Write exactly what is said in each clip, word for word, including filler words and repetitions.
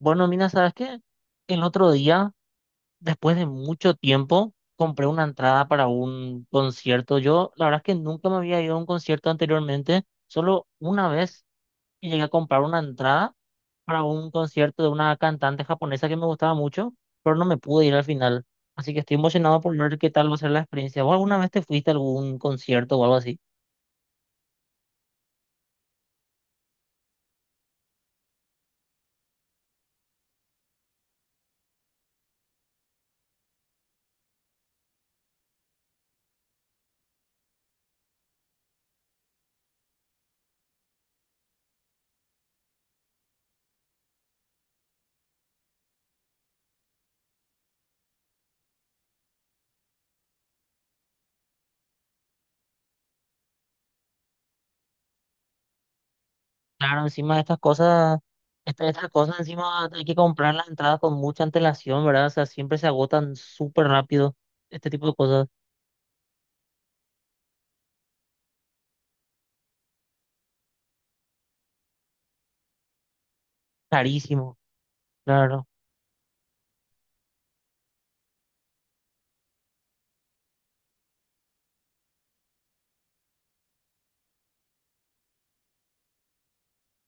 Bueno, mira, ¿sabes qué? El otro día, después de mucho tiempo, compré una entrada para un concierto. Yo, la verdad es que nunca me había ido a un concierto anteriormente. Solo una vez que llegué a comprar una entrada para un concierto de una cantante japonesa que me gustaba mucho, pero no me pude ir al final. Así que estoy emocionado por ver qué tal va a ser la experiencia. ¿Vos alguna vez te fuiste a algún concierto o algo así? Claro, encima de estas cosas, esta- estas, cosas encima hay que comprar las entradas con mucha antelación, ¿verdad? O sea, siempre se agotan súper rápido este tipo de cosas, carísimo, claro.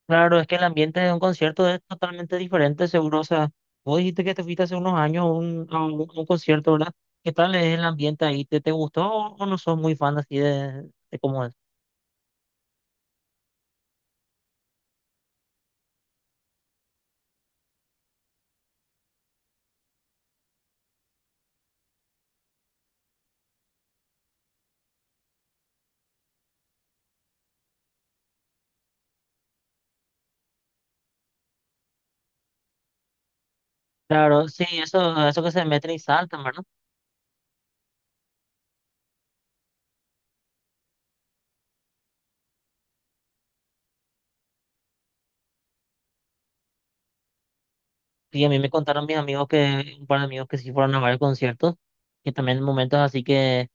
Claro, es que el ambiente de un concierto es totalmente diferente, seguro. O sea, vos dijiste que te fuiste hace unos años a un, a un, a un concierto, ¿verdad? ¿Qué tal es el ambiente ahí? ¿Te, te gustó o, o no sos muy fan así de, de cómo es? Claro, sí, eso, eso que se meten y saltan, ¿verdad? Y a mí me contaron mis amigos que, un par de amigos que sí fueron a varios conciertos, que también en momentos así que,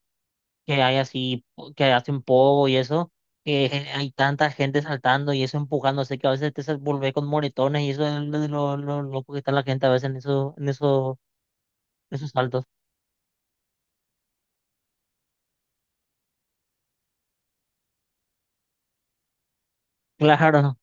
que hay así, po- que hacen pogo y eso, que gen- hay tanta gente saltando y eso empujándose, que a veces te sal- volvés con moretones y eso es lo, lo, lo loco que está la gente a veces en eso, en eso, esos saltos. Claro,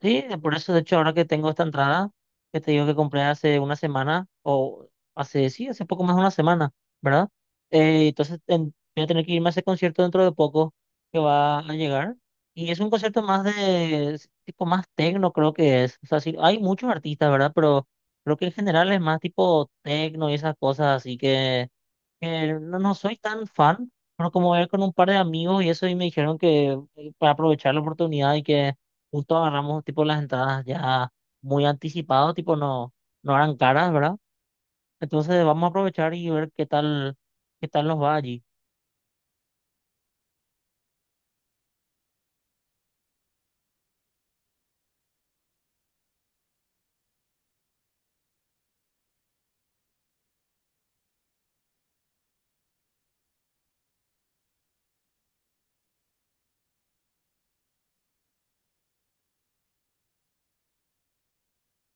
sí, de- por eso, de hecho, ahora que tengo esta entrada, que te digo que compré hace una semana, o hace, sí, hace poco más de una semana, ¿verdad? Eh, entonces ten- voy a tener que irme a ese concierto dentro de poco, que va a llegar. Y es un concierto más de, es tipo más tecno, creo que es. O sea, sí, hay muchos artistas, ¿verdad? Pero creo que en general es más tipo tecno y esas cosas, así que... Eh, no, no soy tan fan, pero como ver con un par de amigos y eso, y me dijeron que eh, para aprovechar la oportunidad y que justo agarramos tipo las entradas ya muy anticipadas, tipo no, no eran caras, ¿verdad? Entonces vamos a aprovechar y ver qué tal, qué tal nos va allí.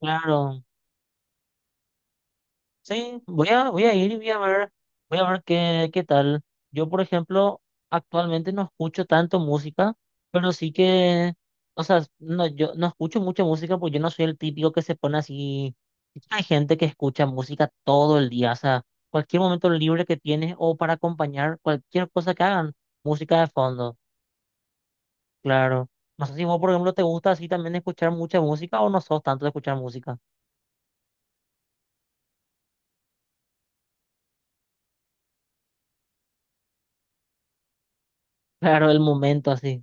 Claro. Sí, voy a, voy a ir y voy a ver, voy a ver qué, qué tal. Yo, por ejemplo, actualmente no escucho tanto música, pero sí que, o sea, no, yo no escucho mucha música porque yo no soy el típico que se pone así. Hay gente que escucha música todo el día, o sea, cualquier momento libre que tienes o para acompañar cualquier cosa que hagan, música de fondo, claro. No sé si vos, por ejemplo, te gusta así también escuchar mucha música o no sos tanto de escuchar música. Claro, el momento así.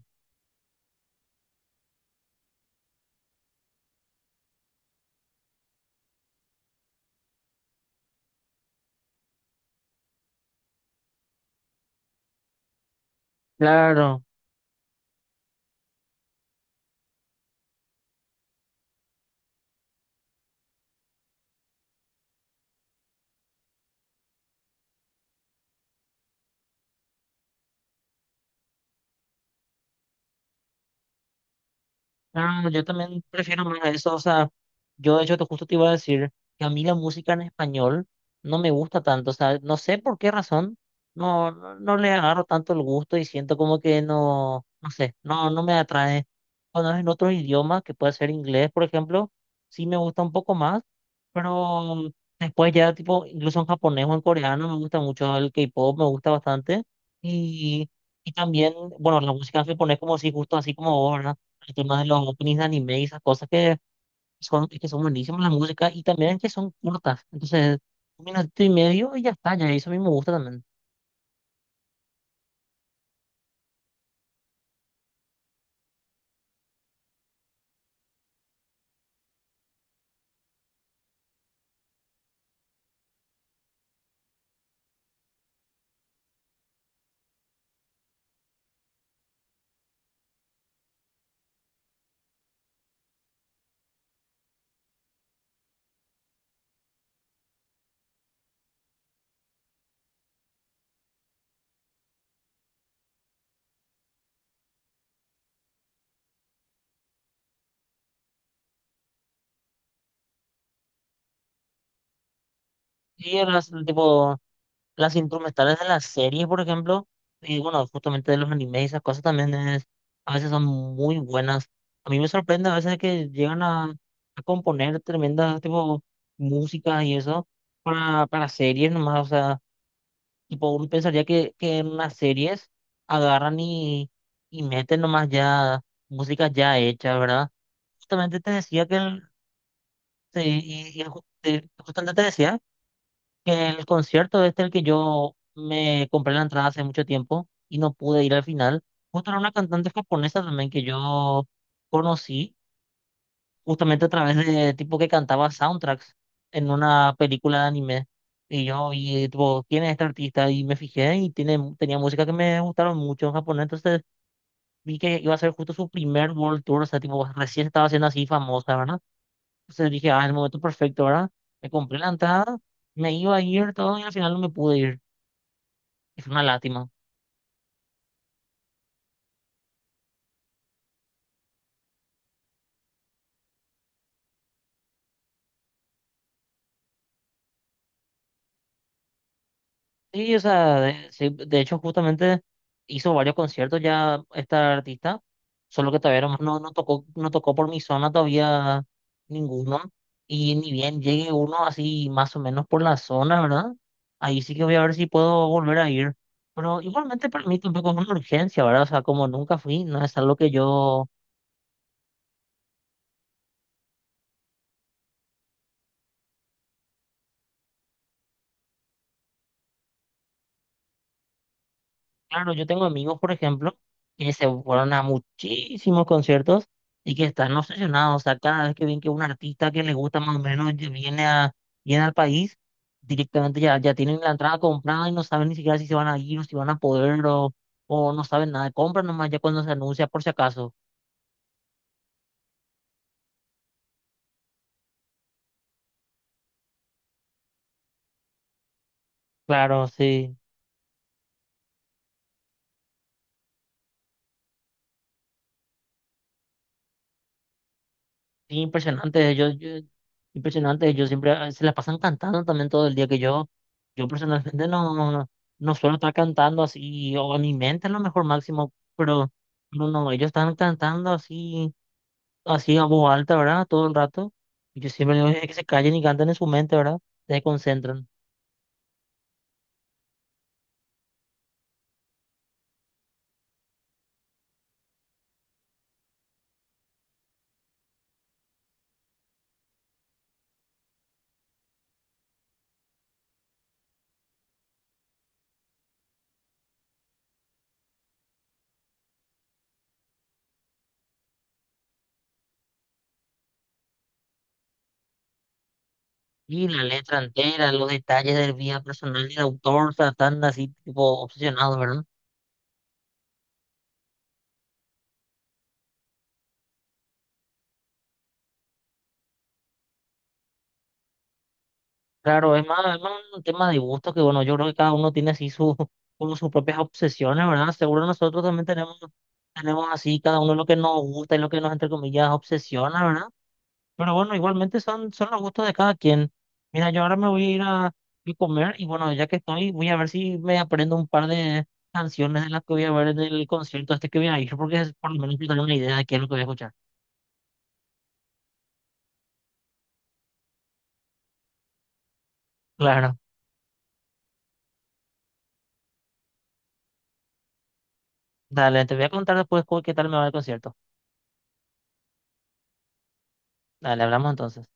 Claro. Ah, yo también prefiero más eso, o sea, yo de hecho te- justo te iba a decir que a mí la música en español no me gusta tanto, o sea, no sé por qué razón, no, no, no le agarro tanto el gusto y siento como que no, no sé, no, no me atrae. Cuando es en otro idioma, que puede ser inglés, por ejemplo, sí me gusta un poco más, pero después ya tipo, incluso en japonés o en coreano me gusta mucho el K-pop, me gusta bastante, y, y también, bueno, la música en japonés como si justo así como vos, ¿verdad? El tema de los openings de anime y esas cosas que son, que son buenísimas la música y también que son cortas. Entonces, un minuto y medio y ya está, ya eso a mí me gusta también. Y las, tipo, las instrumentales de las series, por ejemplo, y bueno, justamente de los animes y esas cosas también es, a veces son muy buenas. A mí me sorprende a veces que llegan a, a componer tremendas, tipo, músicas y eso para, para series nomás, o sea. Tipo, uno pensaría que, que en las series agarran y, y meten nomás ya música ya hecha, ¿verdad? Justamente te decía que el, sí, y- y ju- te- justamente te decía que el concierto este el que yo me compré la entrada hace mucho tiempo y no pude ir al final, justo era una cantante japonesa también que yo conocí justamente a través de tipo que cantaba soundtracks en una película de anime. Y yo vi, tipo, ¿quién es este artista? Y me fijé y tiene, tenía música que me gustaron mucho en japonés. Entonces vi que iba a ser justo su primer World Tour. O sea, tipo, recién estaba siendo así famosa, ¿verdad? Entonces dije, ah, el momento perfecto, ¿verdad? Me compré la entrada, me iba a ir todo y al final no me pude ir. Es una lástima. Sí, o sea, de, sí, de hecho justamente hizo varios conciertos ya esta artista, solo que todavía no, no no tocó, no tocó por mi zona todavía ninguno, y ni bien llegue uno así más o menos por la zona, ¿verdad? Ahí sí que voy a ver si puedo volver a ir, pero igualmente para mí tampoco es una urgencia, ¿verdad? O sea, como nunca fui, no es algo que yo... Claro, yo tengo amigos, por ejemplo, que se fueron a muchísimos conciertos y que están obsesionados. O sea, cada vez que ven que un artista que les gusta más o menos ya viene a, viene al país, directamente ya, ya tienen la entrada comprada y no saben ni siquiera si se van a ir o si van a poder o, o no saben nada. Compran nomás ya cuando se anuncia por si acaso. Claro, sí. Sí, impresionante. Yo, yo, impresionante. Ellos siempre eh, se la pasan cantando también todo el día que yo. Yo personalmente no, no suelo estar cantando así, o en mi mente a lo mejor máximo, pero no, no, ellos están cantando así, así a voz alta, ¿verdad? Todo el rato. Y yo siempre digo "Eh, que se callen y canten en su mente, ¿verdad? Se concentran. Y la letra entera, los detalles del vida personal y de autor, o sea, están así, tipo, obsesionados, ¿verdad? Claro, es más, es más un tema de gusto que, bueno, yo creo que cada uno tiene así su, como sus propias obsesiones, ¿verdad? Seguro nosotros también tenemos, tenemos así cada uno lo que nos gusta y lo que nos, entre comillas, obsesiona, ¿verdad? Pero bueno, igualmente son, son los gustos de cada quien. Mira, yo ahora me voy a ir a, a comer y bueno, ya que estoy, voy a ver si me aprendo un par de canciones de las que voy a ver en el concierto este que voy a ir, porque es por lo menos tengo una idea de qué es lo que voy a escuchar. Claro, dale, te voy a contar después cu- qué tal me va el concierto. Dale, hablamos entonces.